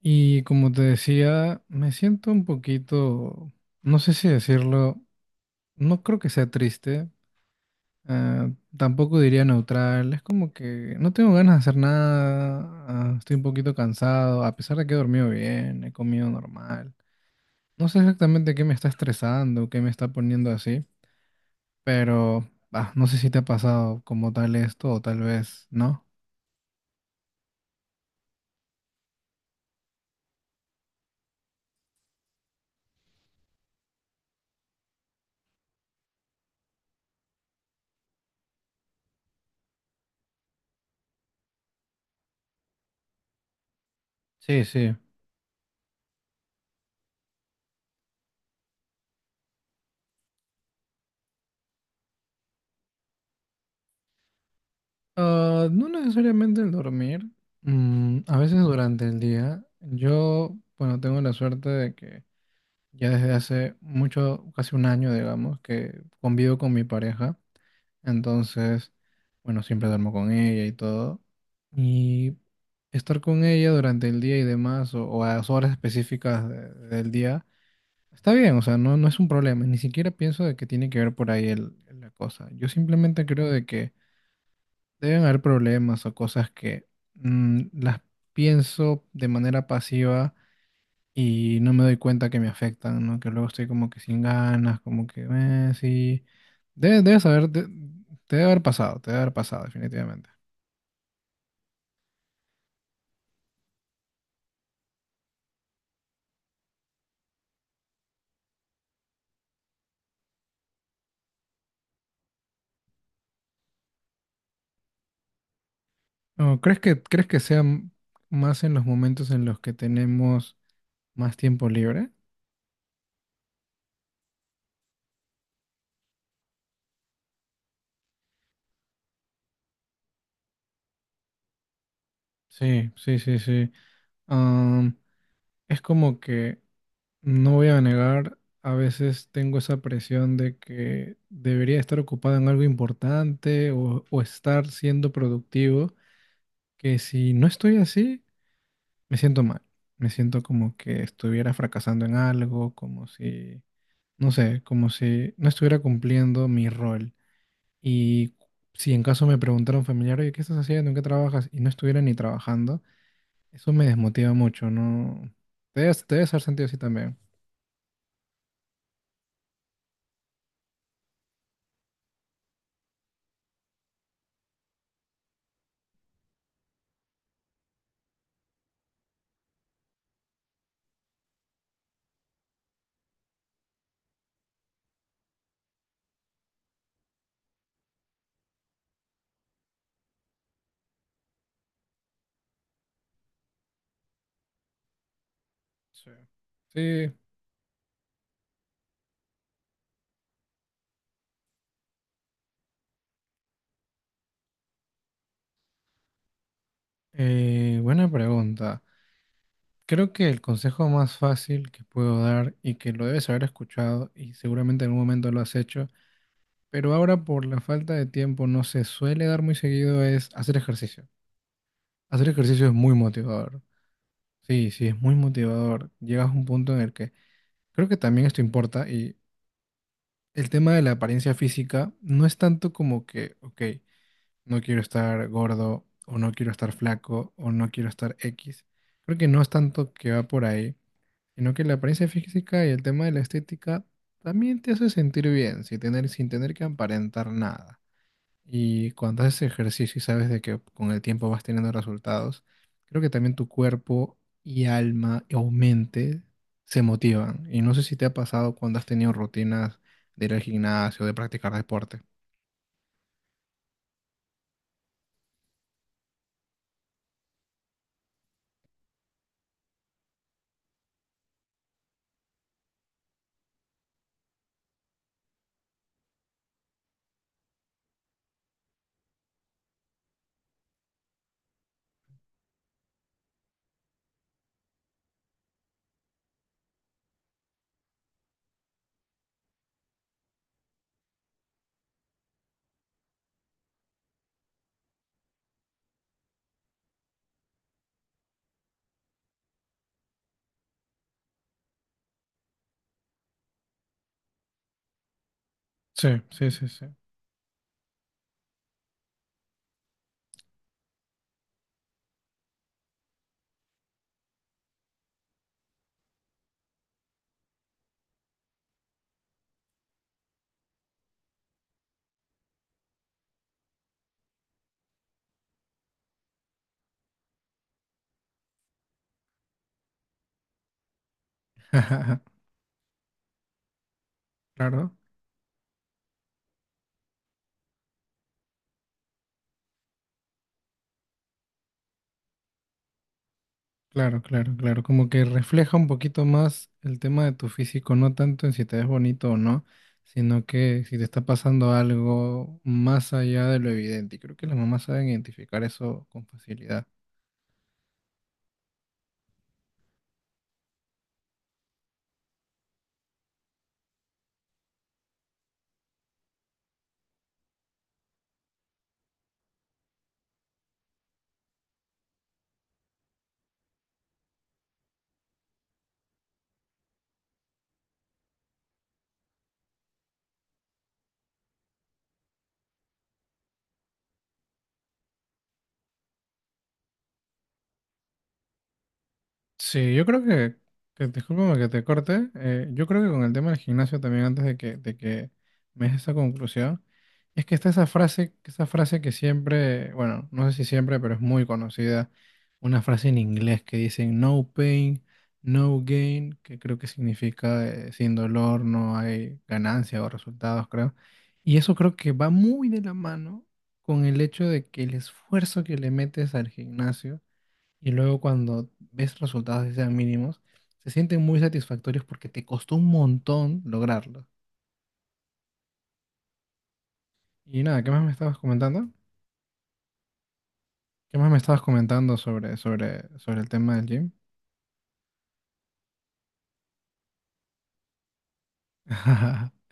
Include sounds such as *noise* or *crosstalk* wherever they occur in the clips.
Y como te decía, me siento un poquito, no sé si decirlo, no creo que sea triste, ah, tampoco diría neutral, es como que no tengo ganas de hacer nada, estoy un poquito cansado, a pesar de que he dormido bien, he comido normal. No sé exactamente qué me está estresando, qué me está poniendo así, pero no sé si te ha pasado como tal esto o tal vez no. Sí, sí. Ah, no necesariamente el dormir. Mm, a veces durante el día. Yo, bueno, tengo la suerte de que ya desde hace mucho, casi 1 año, digamos, que convivo con mi pareja. Entonces, bueno, siempre duermo con ella y todo. Y estar con ella durante el día y demás, o a las horas específicas del día, está bien, o sea, no, no es un problema. Ni siquiera pienso de que tiene que ver por ahí el- la cosa. Yo simplemente creo de que deben haber problemas o cosas que las pienso de manera pasiva y no me doy cuenta que me afectan, ¿no? Que luego estoy como que sin ganas, como que, sí. Debe, debes haber, de- Te debe haber pasado, te debe haber pasado, definitivamente. ¿No crees que, crees que sea más en los momentos en los que tenemos más tiempo libre? Sí, sí, sí, sí. Am, es como que no voy a negar, a veces tengo esa presión de que debería estar ocupado en algo importante o estar siendo productivo, que si no estoy así, me siento mal. Me siento como que estuviera fracasando en algo, como si, no sé, como si no estuviera cumpliendo mi rol. Y si en caso me preguntara un familiar, oye, ¿qué estás haciendo? ¿En qué trabajas? Y no estuviera ni trabajando, eso me desmotiva mucho, ¿no? Te debes haber sentido así también. Sí. Sí. Buena pregunta. Creo que el consejo más fácil que puedo dar y que lo debes haber escuchado y seguramente en algún momento lo has hecho, pero ahora por la falta de tiempo no se suele dar muy seguido es hacer ejercicio. Hacer ejercicio es muy motivador. Sí, sí, es muy motivador. Llegas a un punto en el que creo que también esto importa y el tema de la apariencia física no es tanto como que, ok, no quiero estar gordo o no quiero estar flaco o no quiero estar X. Creo que no es tanto que va por ahí, sino que la apariencia física y el tema de la estética también te hace sentir bien, sin tener, sin tener que aparentar nada. Y cuando haces ejercicio y sabes de que con el tiempo vas teniendo resultados, creo que también tu cuerpo y alma o mente se motivan. Y no sé si te ha pasado cuando has tenido rutinas de ir al gimnasio, de practicar deporte. Sí, sí, sí, sí. *laughs* Claro. Claro, claro, claro. Como que refleja un poquito más el tema de tu físico, no tanto en si te ves bonito o no, sino que si te está pasando algo más allá de lo evidente. Y creo que las mamás saben identificar eso con facilidad. Sí, yo creo que discúlpame que te corte, yo creo que con el tema del gimnasio también antes de que me des esa conclusión, es que está esa frase que siempre, bueno, no sé si siempre, pero es muy conocida, una frase en inglés que dicen no pain, no gain, que creo que significa sin dolor no hay ganancia o resultados, creo. Y eso creo que va muy de la mano con el hecho de que el esfuerzo que le metes al gimnasio y luego cuando ves resultados que sean mínimos, se sienten muy satisfactorios porque te costó un montón lograrlo. Y nada, ¿qué más me estabas comentando? ¿Qué más me estabas comentando sobre, sobre, sobre el tema del gym? *laughs*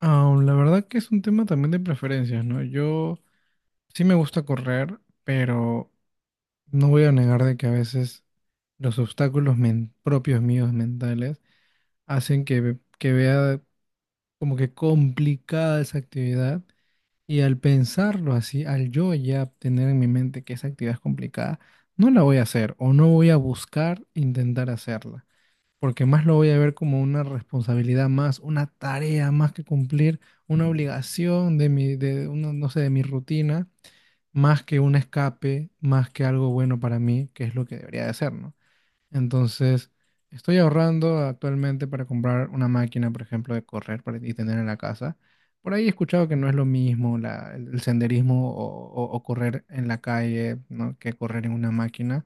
Ah, la verdad que es un tema también de preferencias, ¿no? Yo sí me gusta correr, pero no voy a negar de que a veces los obstáculos propios míos mentales hacen que, que vea como que complicada esa actividad. Y al pensarlo así, al yo ya tener en mi mente que esa actividad es complicada, no la voy a hacer o no voy a buscar intentar hacerla, porque más lo voy a ver como una responsabilidad más, una tarea más que cumplir, una obligación de mi, no sé, de mi rutina, más que un escape, más que algo bueno para mí, que es lo que debería de ser, ¿no? Entonces, estoy ahorrando actualmente para comprar una máquina, por ejemplo, de correr para, y tener en la casa. Por ahí he escuchado que no es lo mismo el senderismo o correr en la calle, ¿no?, que correr en una máquina.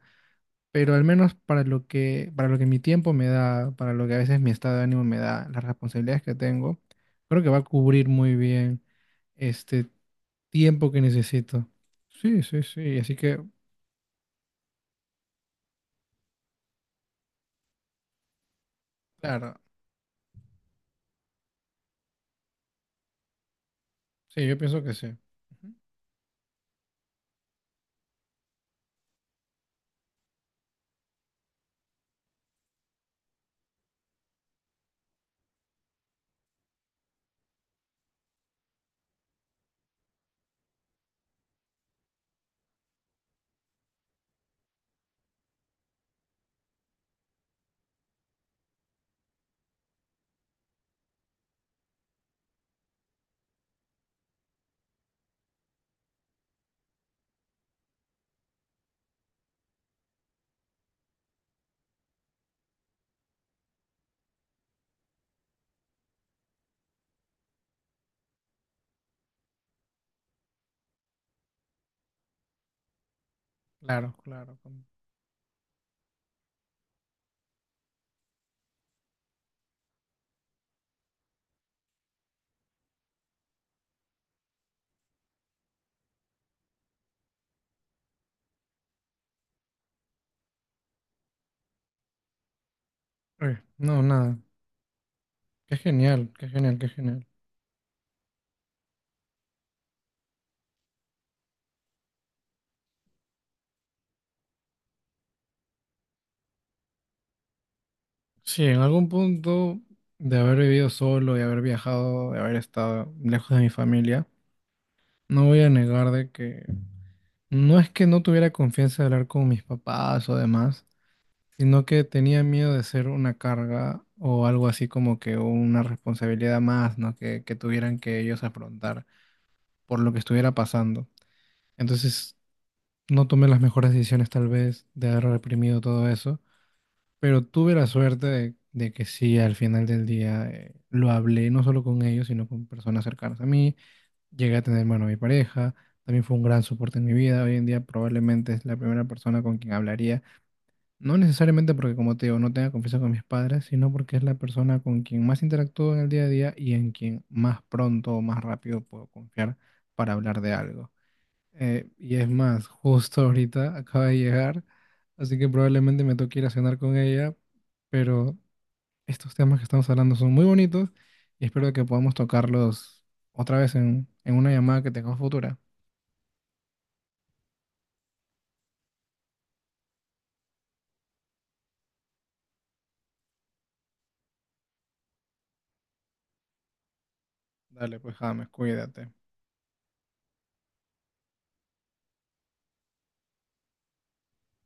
Pero al menos para lo que mi tiempo me da, para lo que a veces mi estado de ánimo me da, las responsabilidades que tengo, creo que va a cubrir muy bien este tiempo que necesito. Sí, sí, sí. Así que, claro, sí, yo pienso que sí. Ujú. Claro, claro. No, nada. Qué genial, qué genial, qué genial. Sí, en algún punto de haber vivido solo, de haber viajado, de haber estado lejos de mi familia, no voy a negar de que no es que no tuviera confianza de hablar con mis papás o demás, sino que tenía miedo de ser una carga o algo así como que una responsabilidad más, ¿no? Que tuvieran que ellos afrontar por lo que estuviera pasando. Entonces, no tomé las mejores decisiones tal vez de haber reprimido todo eso. Pero tuve la suerte de que sí, al final del día lo hablé no solo con ellos, sino con personas cercanas a mí. Llegué a tener, bueno, a mi pareja. También fue un gran soporte en mi vida. Hoy en día probablemente es la primera persona con quien hablaría. No necesariamente porque, como te digo, no tenga confianza con mis padres, sino porque es la persona con quien más interactúo en el día a día y en quien más pronto o más rápido puedo confiar para hablar de algo. Y es más, justo ahorita acaba de llegar, así que probablemente me toque ir a cenar con ella, pero estos temas que estamos hablando son muy bonitos y espero que podamos tocarlos otra vez en una llamada que tengamos futura. Dale, pues, James, cuídate.